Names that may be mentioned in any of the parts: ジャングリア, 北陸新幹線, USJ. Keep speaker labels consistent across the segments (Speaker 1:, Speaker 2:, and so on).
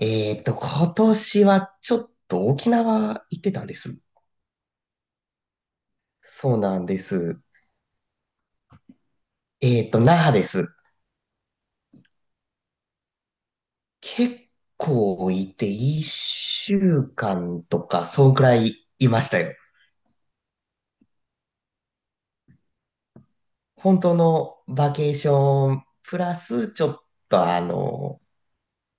Speaker 1: 今年はちょっと沖縄行ってたんです。そうなんです。那覇です。結構いて、一週間とか、そうくらいいましたよ。本当のバケーション、プラスちょっと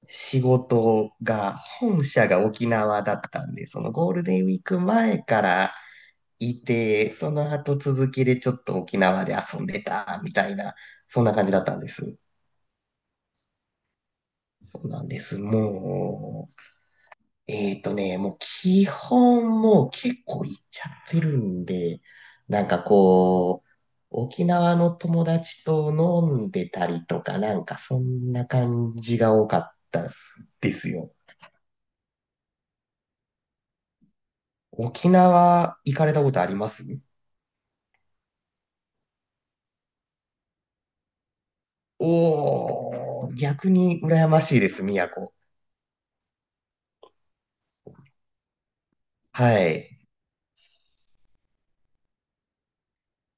Speaker 1: 仕事が、本社が沖縄だったんで、そのゴールデンウィーク前からいて、その後続きでちょっと沖縄で遊んでた、みたいな、そんな感じだったんです。そうなんです。もう、もう基本もう結構行っちゃってるんで、なんかこう、沖縄の友達と飲んでたりとか、なんかそんな感じが多かったですよ。沖縄行かれたことあります？おー、逆に羨ましいです、宮古。はい。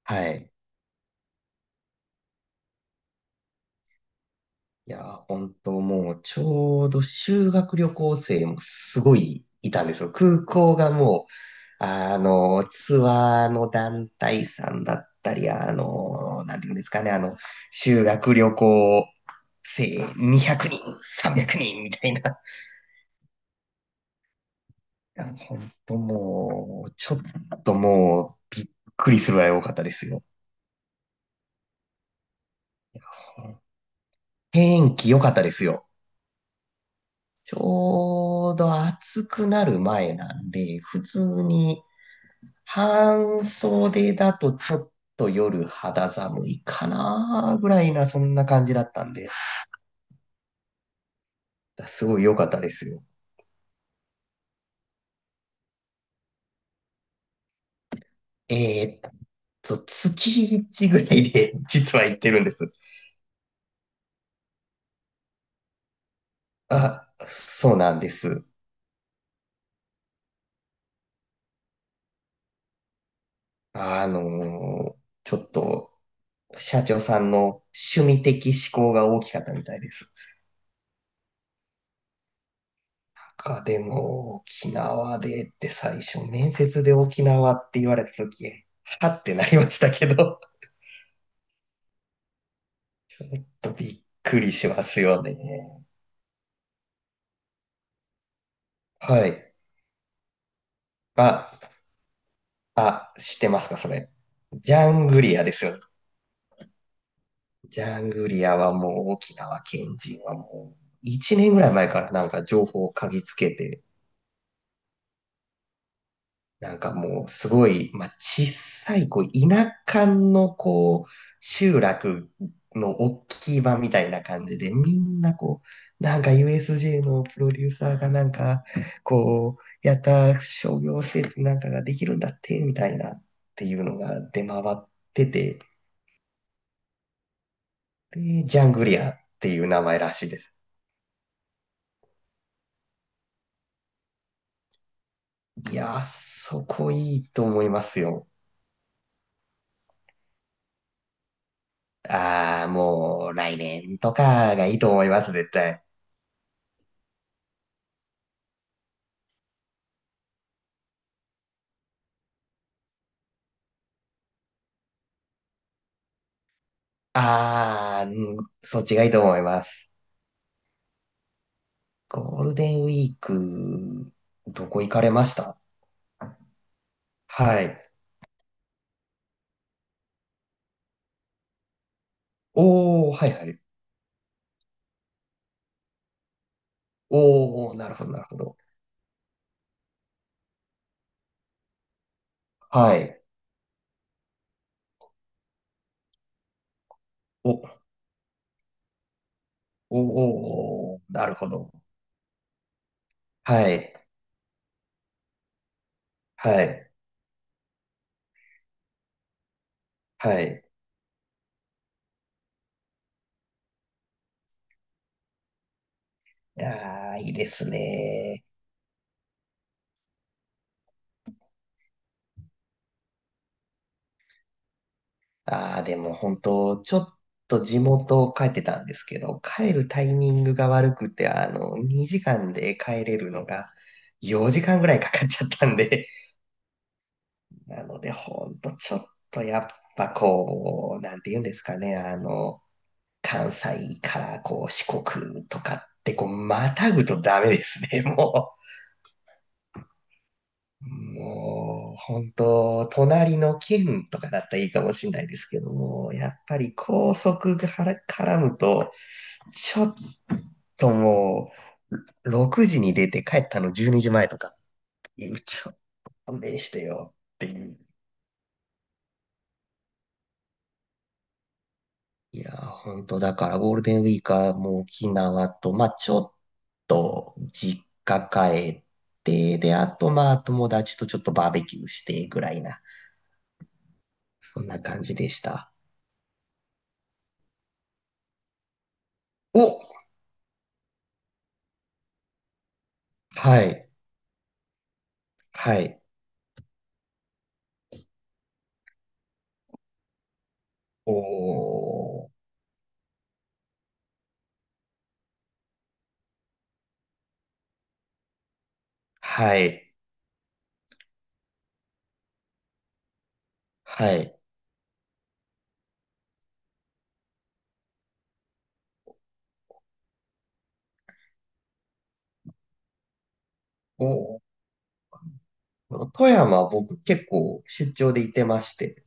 Speaker 1: はい。いやー、本当もう、ちょうど修学旅行生もすごいいたんですよ。空港がもう、ツアーの団体さんだったり、なんていうんですかね、修学旅行生200人、300人みたいな。いや、本当もう、ちょっともう、びっくりするぐらい多かったですよ。天気良かったですよ。ちょうど暑くなる前なんで、普通に半袖だとちょっと夜肌寒いかなぐらいな、そんな感じだったんで、すごい良かったですよ。えーっ月1ぐらいで実は行ってるんです。あ、そうなんです。あのーちょっと、社長さんの趣味的思考が大きかったみたいです。なんかでも、沖縄でって最初、面接で沖縄って言われた時、はってなりましたけど。とびっくりしますよね。はい。あ、あ、知ってますか、それ？ジャングリアですよね。ジャングリアはもう沖縄県人はもう1年ぐらい前からなんか情報を嗅ぎつけて、なんかもうすごい、まあ、小さい、こう、田舎のこう、集落の大きい場みたいな感じで、みんなこう、なんか USJ のプロデューサーがなんか、こう、やった商業施設なんかができるんだって、みたいなっていうのが出回ってて、で、ジャングリアっていう名前らしいです。いやー、そこいいと思いますよ。ああ、もう来年とかがいいと思います、絶対。ああ、うん、そっちがいいと思います。ゴールデンウィーク、どこ行かれました？はい。おー、はいはい。おー、なるほど、なるほど。はい。お、おー、なるほど。はい、はい、はい。ああ、いいですね。ああ、でも本当、ちょっと地元帰ってたんですけど、帰るタイミングが悪くて、2時間で帰れるのが4時間ぐらいかかっちゃったんで、なので、ほんとちょっとやっぱこう、なんて言うんですかね、関西からこう四国とかってこう、またぐとダメですね、もう。もう、本当隣の県とかだったらいいかもしれないですけども、やっぱり高速がから絡むと、ちょっともう、6時に出て帰ったの12時前とかっていう、ちょっと勘弁してよっていう。いやー、本当だからゴールデンウィークはもう沖縄と、まあちょっと実家帰って、で、あとまあ友達とちょっとバーベキューしてぐらいな、そんな感じでした。お、はい、はい、おー、はい、はい、おー、富山僕結構出張で行ってまして、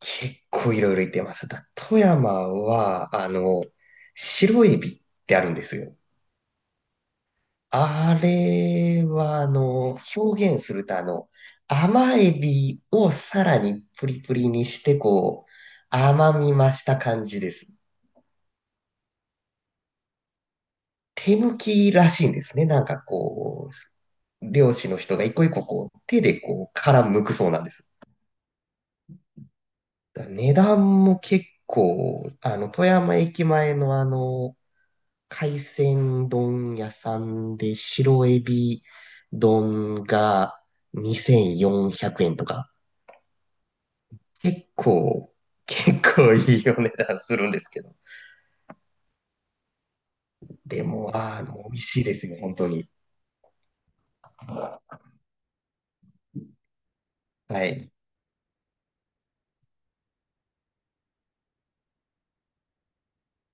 Speaker 1: 結構いろいろ行ってます。だ、富山は、白エビってあるんですよ。あれは、表現すると、甘エビをさらにプリプリにして、こう、甘み増した感じです。手抜きらしいんですね。なんかこう、漁師の人が一個一個こう、手でこう、殻剥くそうなんです。値段も結構、富山駅前の海鮮丼屋さんで白エビ丼が2400円とか、結構、結構いいお値段するんですけど。でも、美味しいですよ、本当に。はい。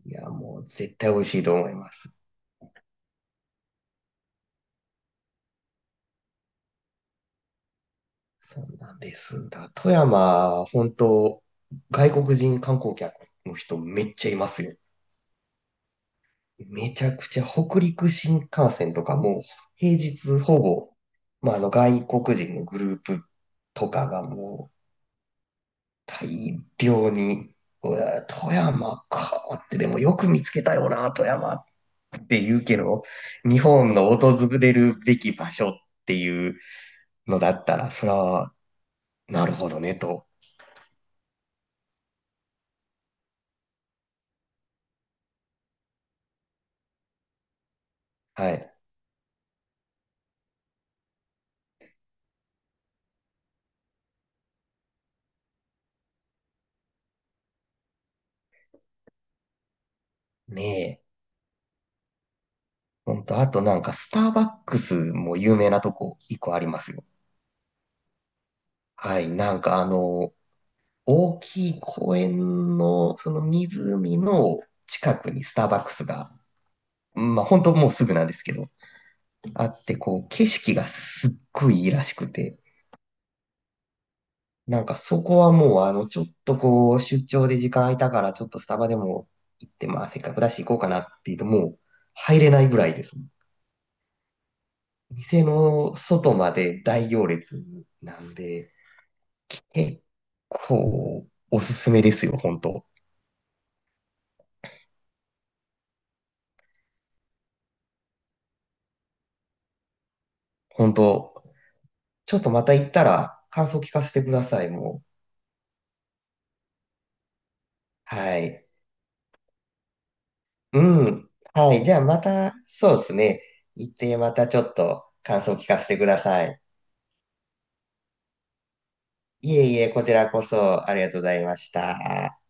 Speaker 1: いや、もう絶対美味しいと思います。そうなんです。だ、富山、本当、外国人観光客の人めっちゃいますよ。めちゃくちゃ北陸新幹線とかも、平日ほぼ、まあ、外国人のグループとかがもう、大量に、うわ富山かって、でもよく見つけたよな、富山っっていうけど、日本の訪れるべき場所っていうのだったら、それは、なるほどね、と。はい。ねえ。ほんと、あとなんか、スターバックスも有名なとこ一個ありますよ。はい。なんか大きい公園の、その湖の近くにスターバックスが、まあ本当もうすぐなんですけど、あって、こう、景色がすっごいいいらしくて、なんかそこはもう、ちょっとこう、出張で時間空いたから、ちょっとスタバでも行って、まあ、せっかくだし行こうかなって言うと、もう、入れないぐらいです。店の外まで大行列なんで、結構、おすすめですよ、本当。本当ちょっとまた行ったら、感想聞かせてください、もう。はい。うん。はい。じゃあまた、そうですね。行って、またちょっと感想聞かせてください。いえいえ、こちらこそありがとうございました。